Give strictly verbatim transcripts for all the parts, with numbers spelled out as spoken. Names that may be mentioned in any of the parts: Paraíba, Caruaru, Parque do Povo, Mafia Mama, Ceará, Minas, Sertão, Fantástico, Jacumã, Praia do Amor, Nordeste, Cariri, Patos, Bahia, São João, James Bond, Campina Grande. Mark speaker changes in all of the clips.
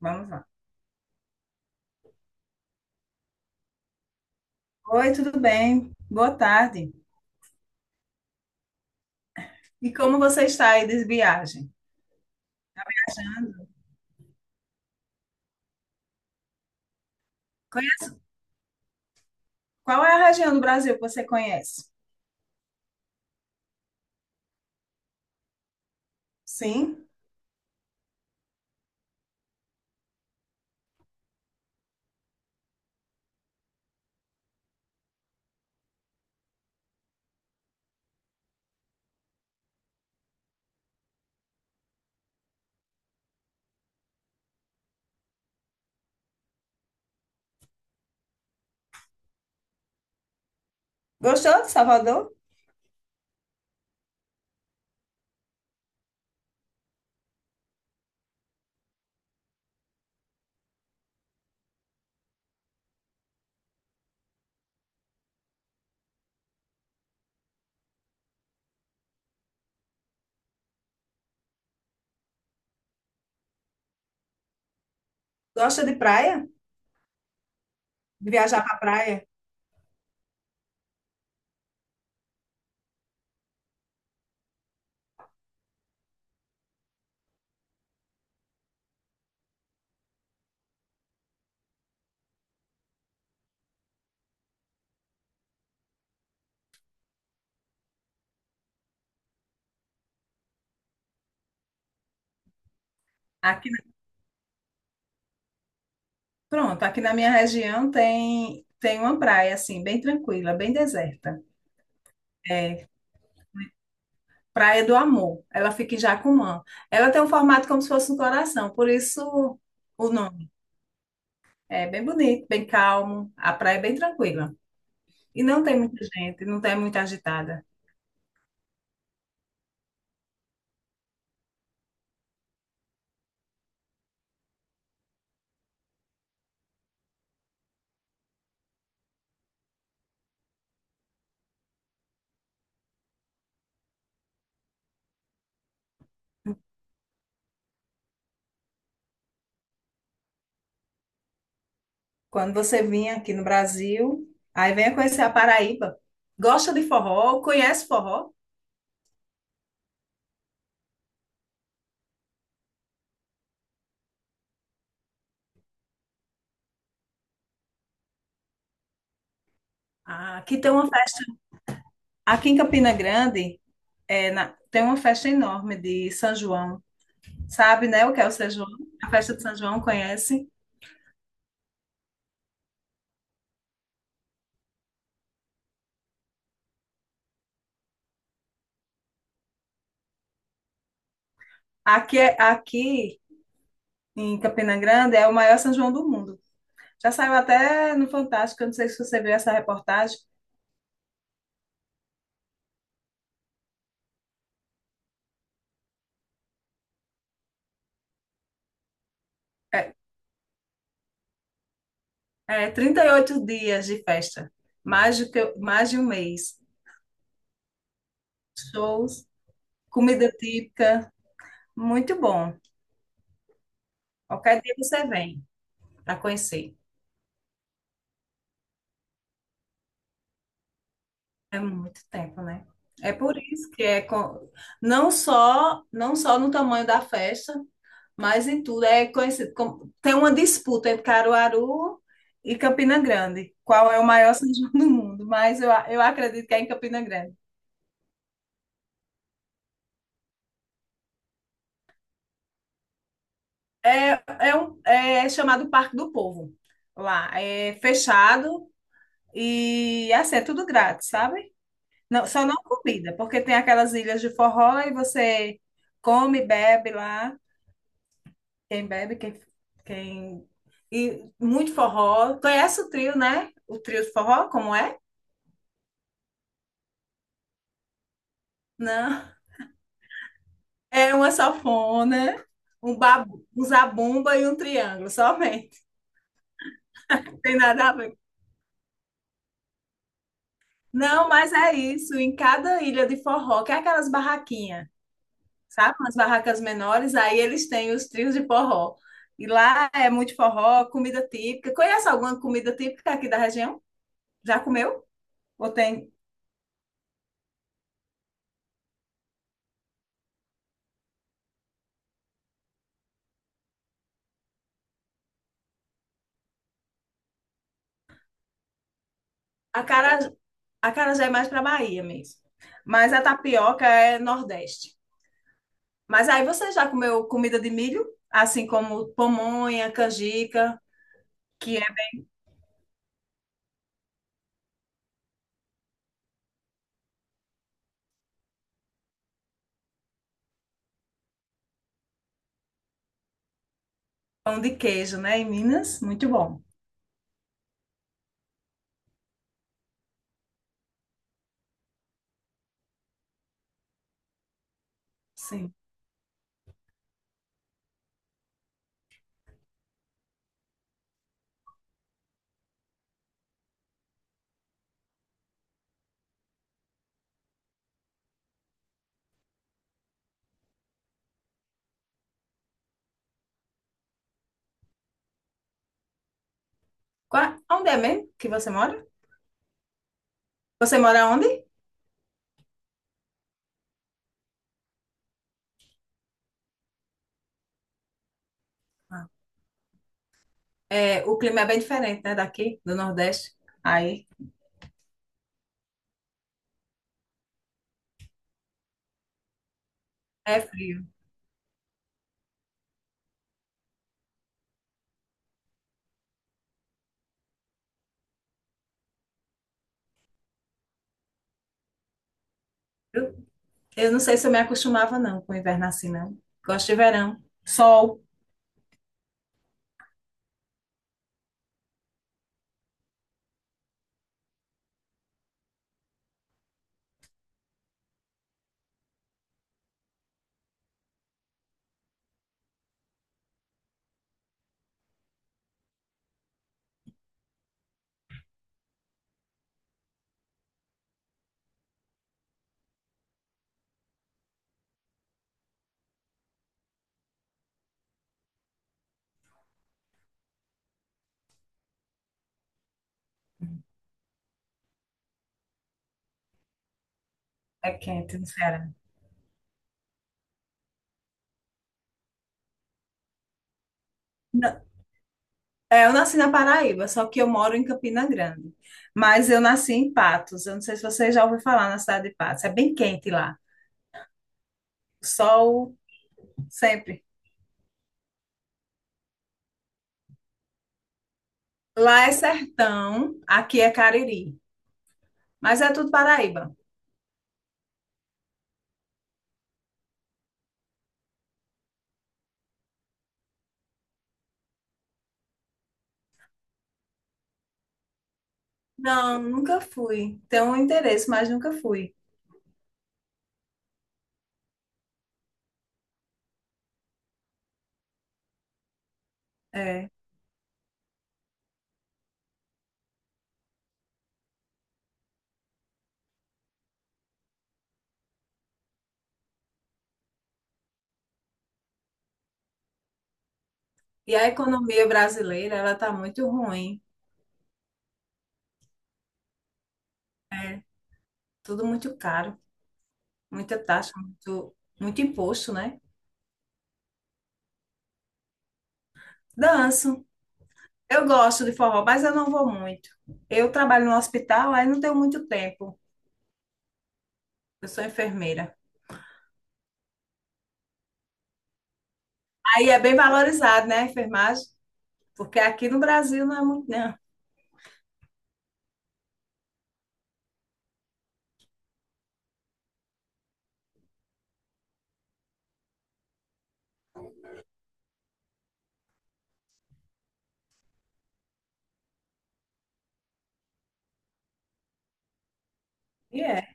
Speaker 1: Vamos lá. Oi, tudo bem? Boa tarde. E como você está aí de viagem? Viajando? Conhe- Qual é a região do Brasil que você conhece? Sim. Gostou de Salvador? Gosta de praia? De viajar para praia? Aqui, na- pronto, aqui na minha região tem tem uma praia assim, bem tranquila, bem deserta. É Praia do Amor. Ela fica em Jacumã. Ela tem um formato como se fosse um coração, por isso o nome. É bem bonito, bem calmo. A praia é bem tranquila. E não tem muita gente, não tem muita agitada. Quando você vinha aqui no Brasil, aí venha conhecer a Paraíba. Gosta de forró? Conhece forró? Ah, aqui tem uma festa. Aqui em Campina Grande é na- tem uma festa enorme de São João. Sabe, né, o que é o São João? A festa de São João, conhece? Aqui, é- aqui em Campina Grande é o maior São João do mundo. Já saiu até no Fantástico, eu não sei se você viu essa reportagem. É, é trinta e oito dias de festa, mais do que, mais de um mês. Shows, comida típica, muito bom. Qualquer dia você vem para conhecer. É muito tempo, né? É por isso que é co- não só não só no tamanho da festa, mas em tudo é conhecido como tem uma disputa entre Caruaru e Campina Grande. Qual é o maior São João do mundo? Mas eu, a- eu acredito que é em Campina Grande. É, é, um, é chamado Parque do Povo lá. É fechado e assim, é tudo grátis, sabe? Não, só não comida, porque tem aquelas ilhas de forró e você come, bebe lá. Quem bebe, quem, quem... E muito forró. Conhece o trio, né? O trio de forró, como é? Não. É uma sanfona, um babu, um zabumba e um triângulo, somente. Não tem nada a ver. Não, mas é isso. Em cada ilha de forró, que é aquelas barraquinhas, sabe? Umas barracas menores, aí eles têm os trios de forró. E lá é muito forró, comida típica. Conhece alguma comida típica aqui da região? Já comeu? Ou tem? a a cara, a cara já é mais para Bahia mesmo. Mas a tapioca é Nordeste. Mas aí você já comeu comida de milho? Assim como pamonha, canjica, que é pão de queijo, né? Em Minas, muito bom. Sim. Qua- Onde é mesmo que você mora? Você mora onde? É, o clima é bem diferente, né, daqui, do Nordeste. Aí é frio. Eu, eu não sei se eu me acostumava, não, com o inverno assim, não. Gosto de verão. Sol é quente no Ceará. Na- é, eu nasci na Paraíba, só que eu moro em Campina Grande. Mas eu nasci em Patos. Eu não sei se você já ouviu falar na cidade de Patos. É bem quente lá. Sol sempre. Lá é sertão, aqui é Cariri. Mas é tudo Paraíba. Não, nunca fui. Tenho um interesse, mas nunca fui. É. E a economia brasileira, ela está muito ruim. É tudo muito caro, muita taxa, muito, muito imposto, né? Danço. Eu gosto de forró, mas eu não vou muito. Eu trabalho no hospital, aí não tenho muito tempo. Eu sou enfermeira. Aí é bem valorizado, né, a enfermagem? Porque aqui no Brasil não é muito, não. E é.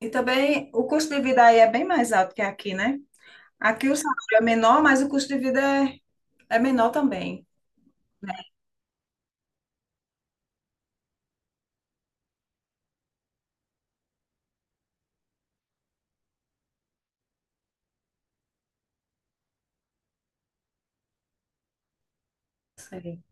Speaker 1: E também o custo de vida aí é bem mais alto que aqui, né? Aqui o salário é menor, mas o custo de vida é, é menor também. Né? Sei,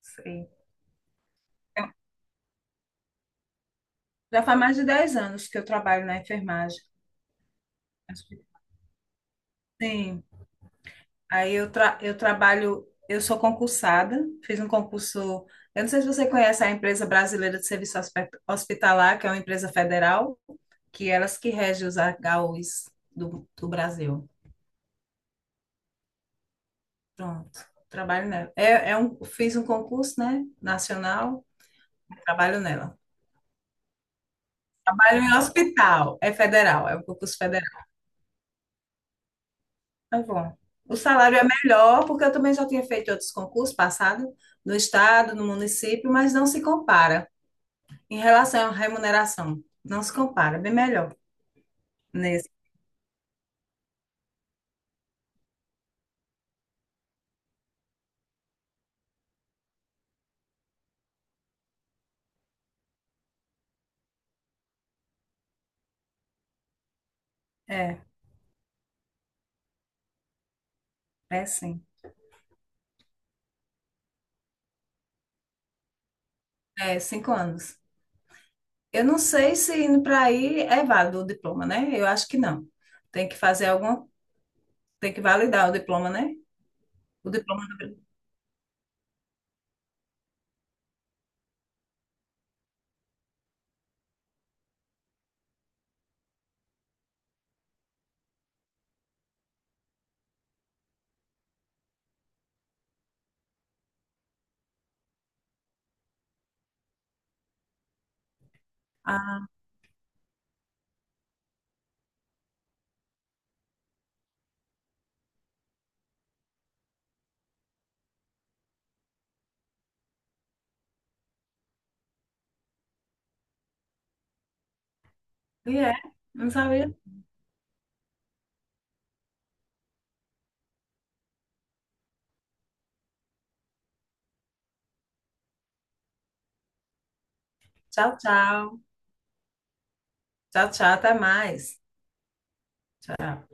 Speaker 1: sei. Já faz mais de dez anos que eu trabalho na enfermagem. Acho que- Sim, aí eu, tra eu trabalho, eu sou concursada, fiz um concurso, eu não sei se você conhece a empresa brasileira de serviço Hospe- hospitalar, que é uma empresa federal, que é elas que regem os H Us do, do Brasil. Pronto, trabalho nela. É, é um, fiz um concurso, né, nacional, trabalho nela. Trabalho em hospital, é federal, é um concurso federal. Tá bom. O salário é melhor, porque eu também já tinha feito outros concursos passados, no estado, no município, mas não se compara em relação à remuneração. Não se compara, bem melhor nesse. É, é sim. É, cinco anos. Eu não sei se indo para aí é válido o diploma, né? Eu acho que não. Tem que fazer alguma, tem que validar o diploma, né? O diploma. Ah, e é, não sabia. Tchau, tchau. Tchau, tchau, até mais. Tchau.